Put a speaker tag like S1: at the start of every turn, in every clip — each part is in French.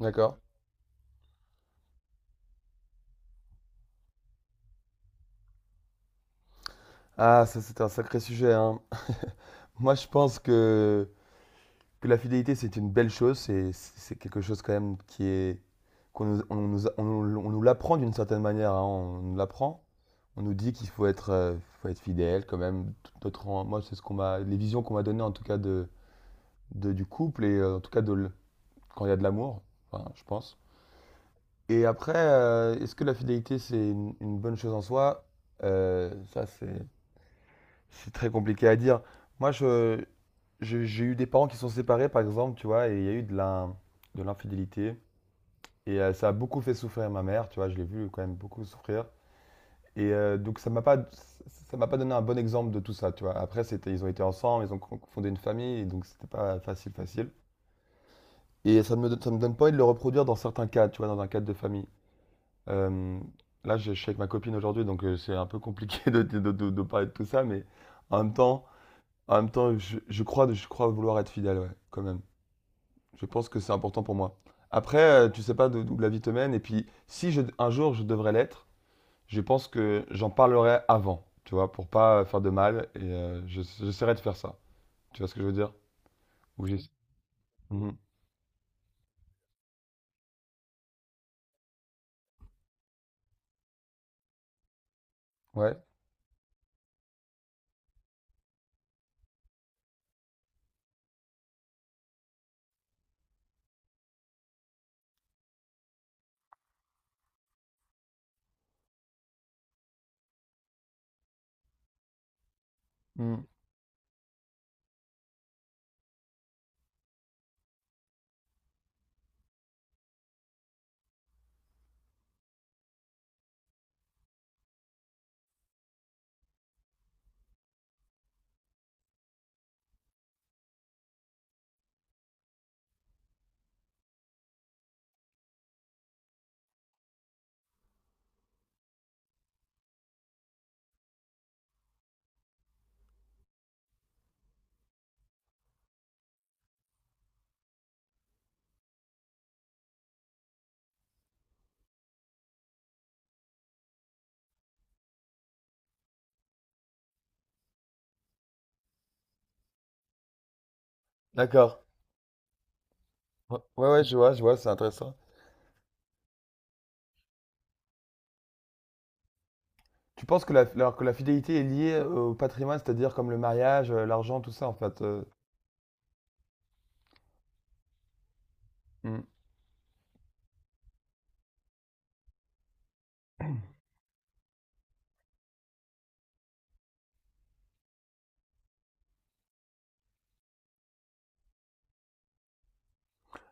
S1: D'accord. Ah, ça c'est un sacré sujet, hein. Moi je pense que la fidélité c'est une belle chose, c'est quelque chose quand même qui est qu'on nous l'apprend d'une certaine manière, hein, on nous l'apprend. On nous dit qu'il faut être fidèle quand même. Moi c'est ce qu'on m'a, les visions qu'on m'a données en tout cas du couple et en tout cas quand il y a de l'amour, enfin, je pense. Et après, est-ce que la fidélité c'est une bonne chose en soi? Ça c'est très compliqué à dire. Moi, j'ai eu des parents qui sont séparés, par exemple, tu vois, et il y a eu de l'infidélité. Et ça a beaucoup fait souffrir ma mère, tu vois, je l'ai vu quand même beaucoup souffrir. Et donc, ça m'a pas donné un bon exemple de tout ça, tu vois. Après, c'était, ils ont été ensemble, ils ont fondé une famille, et donc c'était pas facile, facile. Et ça me donne pas envie de le reproduire dans certains cas, tu vois, dans un cadre de famille. Euh, je suis avec ma copine aujourd'hui, donc c'est un peu compliqué de parler de tout ça, mais en même temps. En même temps, je crois vouloir être fidèle, ouais, quand même. Je pense que c'est important pour moi. Après, tu sais pas d'où la vie te mène. Et puis, si un jour je devrais l'être, je pense que j'en parlerai avant, tu vois, pour pas faire de mal. Et j'essaierai de faire ça. Tu vois ce que je veux dire? Ou j'ai- Mhm. Ouais. Mhm. D'accord. Ouais, ouais, ouais, je vois, c'est intéressant. Tu penses que alors que la fidélité est liée au patrimoine, c'est-à-dire comme le mariage, l'argent, tout ça, en fait. Mmh.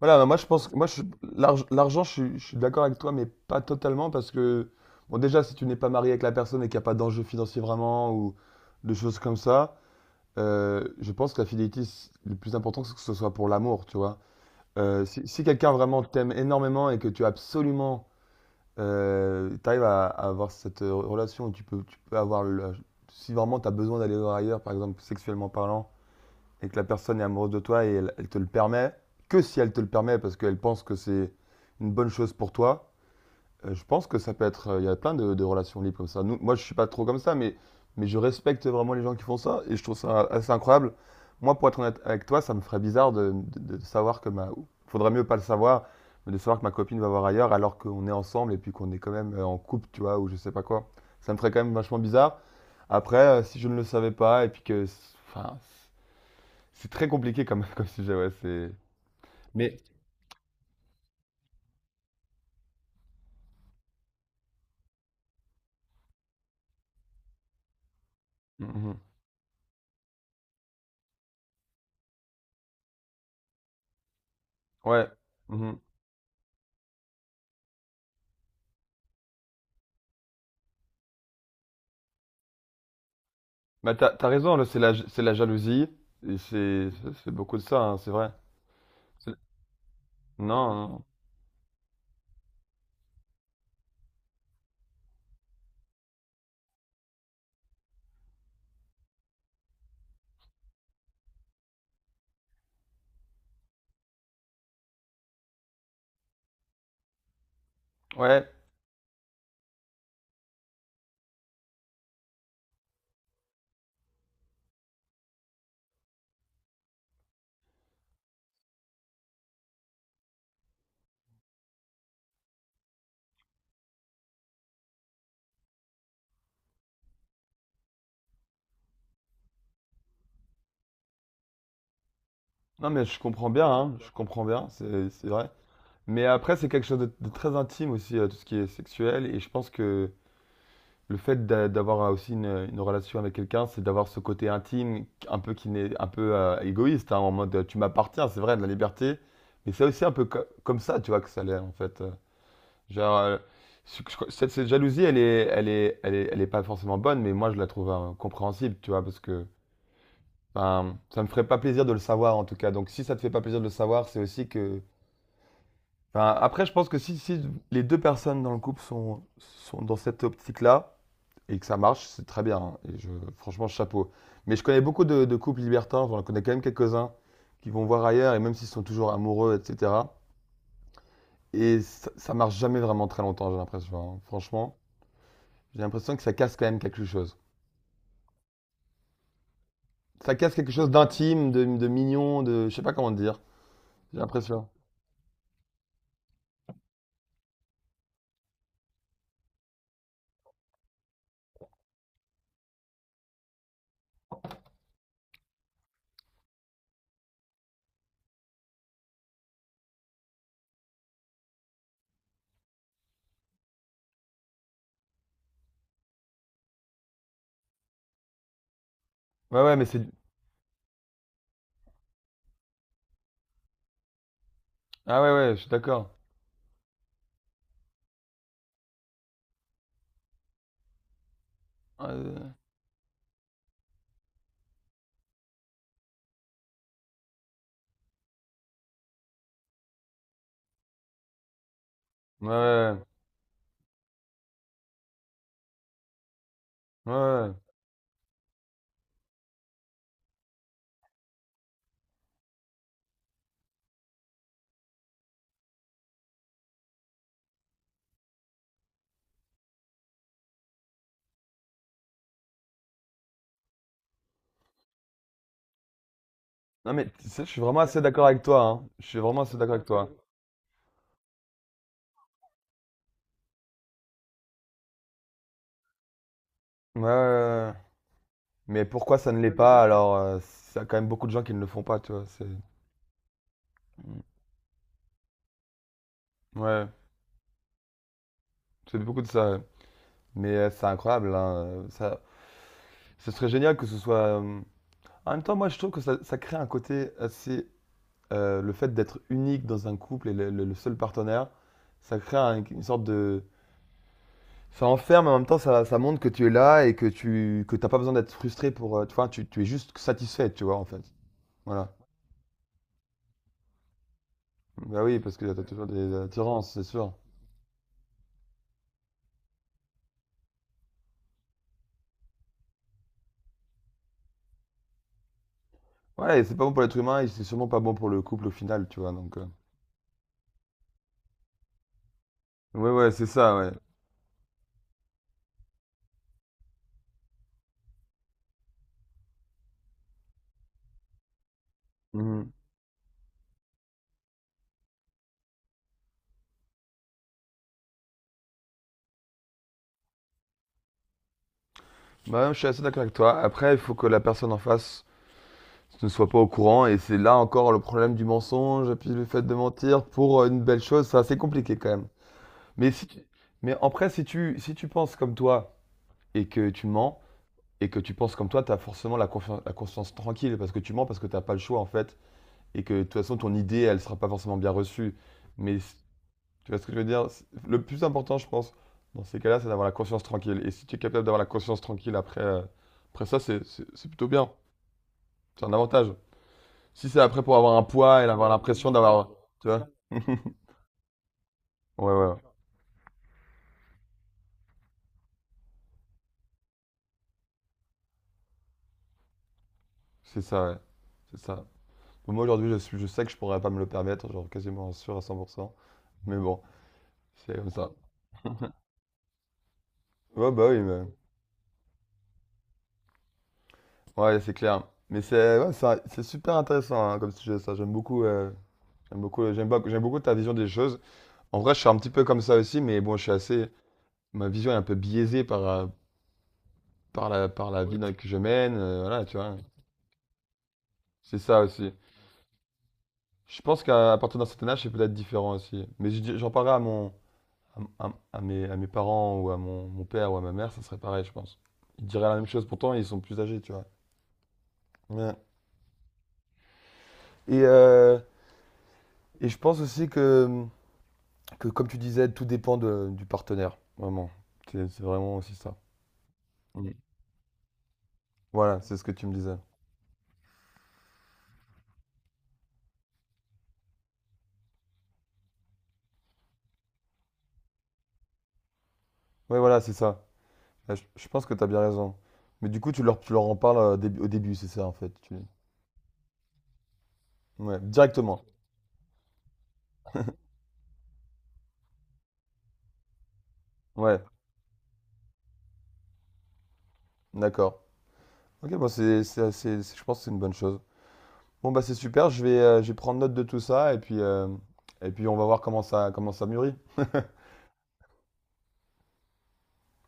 S1: Voilà, bah, moi je pense que moi je l'argent, je suis d'accord avec toi, mais pas totalement parce que bon déjà si tu n'es pas marié avec la personne et qu'il n'y a pas d'enjeu financier vraiment ou de choses comme ça, je pense que la fidélité, le plus important c'est que ce soit pour l'amour, tu vois. Si quelqu'un vraiment t'aime énormément et que tu as absolument, t'arrives à avoir cette relation où tu peux avoir si vraiment tu as besoin d'aller voir ailleurs, par exemple sexuellement parlant, et que la personne est amoureuse de toi et elle te le permet, que si elle te le permet parce qu'elle pense que c'est une bonne chose pour toi, je pense que ça peut être. Il y a plein de relations libres comme ça. Nous, moi, je suis pas trop comme ça, mais je respecte vraiment les gens qui font ça et je trouve ça assez incroyable. Moi, pour être honnête avec toi, ça me ferait bizarre de savoir que ma. Faudrait mieux pas le savoir, mais de savoir que ma copine va voir ailleurs alors qu'on est ensemble et puis qu'on est quand même en couple, tu vois, ou je sais pas quoi. Ça me ferait quand même vachement bizarre. Après, si je ne le savais pas et puis que. Enfin, c'est très compliqué comme, comme sujet, ouais, c'est... Mais Mhm. Ouais. Mhm. Bah, t'as raison, là, c'est c'est la jalousie. Et c'est beaucoup de ça, hein, c'est vrai. C'est- Non, non. Ouais. Non, mais je comprends bien, hein, je comprends bien, c'est vrai. Mais après, c'est quelque chose de très intime aussi, tout ce qui est sexuel. Et je pense que le fait d'avoir aussi une relation avec quelqu'un, c'est d'avoir ce côté intime, un peu qui n'est un peu égoïste, hein, en mode tu m'appartiens, c'est vrai, de la liberté. Mais c'est aussi un peu comme ça, tu vois, que ça l'est, en fait. Genre, je cette jalousie, elle est pas forcément bonne, mais moi, je la trouve compréhensible, tu vois, parce que ben, ça me ferait pas plaisir de le savoir, en tout cas. Donc, si ça te fait pas plaisir de le savoir, c'est aussi que... Enfin, après, je pense que si les deux personnes dans le couple sont dans cette optique-là, et que ça marche, c'est très bien, hein, et franchement, chapeau. Mais je connais beaucoup de couples libertins, j'en connais quand même quelques-uns, qui vont voir ailleurs, et même s'ils sont toujours amoureux, etc. Et ça marche jamais vraiment très longtemps, j'ai l'impression, hein. Franchement. J'ai l'impression que ça casse quand même quelque chose. Ça casse quelque chose d'intime, de mignon, de. Je sais pas comment te dire. J'ai l'impression. Ouais, ouais, mais c'est. Ah ouais, ouais, je suis d'accord. Euh, Ouais, ouais, ouais. Ouais. Ouais. Non, mais tu sais, je suis vraiment assez d'accord avec toi, hein. Je suis vraiment assez d'accord avec toi. Ouais, ouais, ouais. Ouais. Mais pourquoi ça ne l'est pas alors? Ça a quand même beaucoup de gens qui ne le font pas, tu vois. C'est... Mm. Ouais, c'est beaucoup de ça. Ouais. Mais c'est incroyable, hein, ça... Ce serait génial que ce soit. En même temps, moi, je trouve que ça crée un côté assez le fait d'être unique dans un couple et le seul partenaire, ça crée une sorte de... Ça enferme, mais en même temps, ça montre que tu es là et que tu que t'as pas besoin d'être frustré pour... Tu vois, tu es juste satisfait, tu vois, en fait. Voilà. Bah oui, parce que t'as toujours des attirances, c'est sûr. Ouais, et c'est pas bon pour l'être humain et c'est sûrement pas bon pour le couple au final, tu vois, donc... Ouais, ouais, c'est ça, ouais. Mhm. Bah, je suis assez d'accord avec toi. Après, il faut que la personne en face ne soient pas au courant. Et c'est là encore le problème du mensonge, puis le fait de mentir pour une belle chose, c'est assez compliqué quand même. Mais, si tu- Mais après, si tu penses comme toi et que tu mens, et que tu penses comme toi, tu as forcément la conscience tranquille, parce que tu mens, parce que tu n'as pas le choix en fait, et que de toute façon, ton idée, elle sera pas forcément bien reçue. Mais tu vois ce que je veux dire? Le plus important, je pense, dans ces cas-là, c'est d'avoir la conscience tranquille. Et si tu es capable d'avoir la conscience tranquille après, après ça, c'est plutôt bien. C'est un avantage. Si c'est après pour avoir un poids et avoir l'impression d'avoir, tu vois? Ouais, ouais, ouais. C'est ça, ouais. C'est ça. Moi aujourd'hui, je sais que je pourrais pas me le permettre, genre quasiment sûr à 100%. Mais bon, c'est comme ça. Ouais, bah oui, mais... Ouais, c'est clair. Mais c'est ouais, c'est super intéressant, hein, comme sujet, ça. J'aime beaucoup, j'aime beaucoup ta vision des choses. En vrai, je suis un petit peu comme ça aussi, mais bon, je suis assez, ma vision est un peu biaisée par la vie que je mène, voilà, tu vois. C'est ça aussi. Je pense qu'à partir d'un certain âge, c'est peut-être différent aussi. Mais j'en parlerai à mon, à mes parents ou à mon père ou à ma mère, ça serait pareil, je pense. Ils diraient la même chose, pourtant ils sont plus âgés, tu vois. Ouais. Et, euh, et je pense aussi que, comme tu disais, tout dépend du partenaire, vraiment. C'est vraiment aussi ça. Mm. Voilà, c'est ce que tu me disais. Ouais, voilà, c'est ça. Ouais, je pense que tu as bien raison. Mais du coup, tu leur en parles au début, c'est ça, en fait. Ouais, directement. Ouais, d'accord. Ok, bon, je pense que c'est une bonne chose. Bon, bah c'est super, je vais prendre note de tout ça et puis on va voir comment ça mûrit.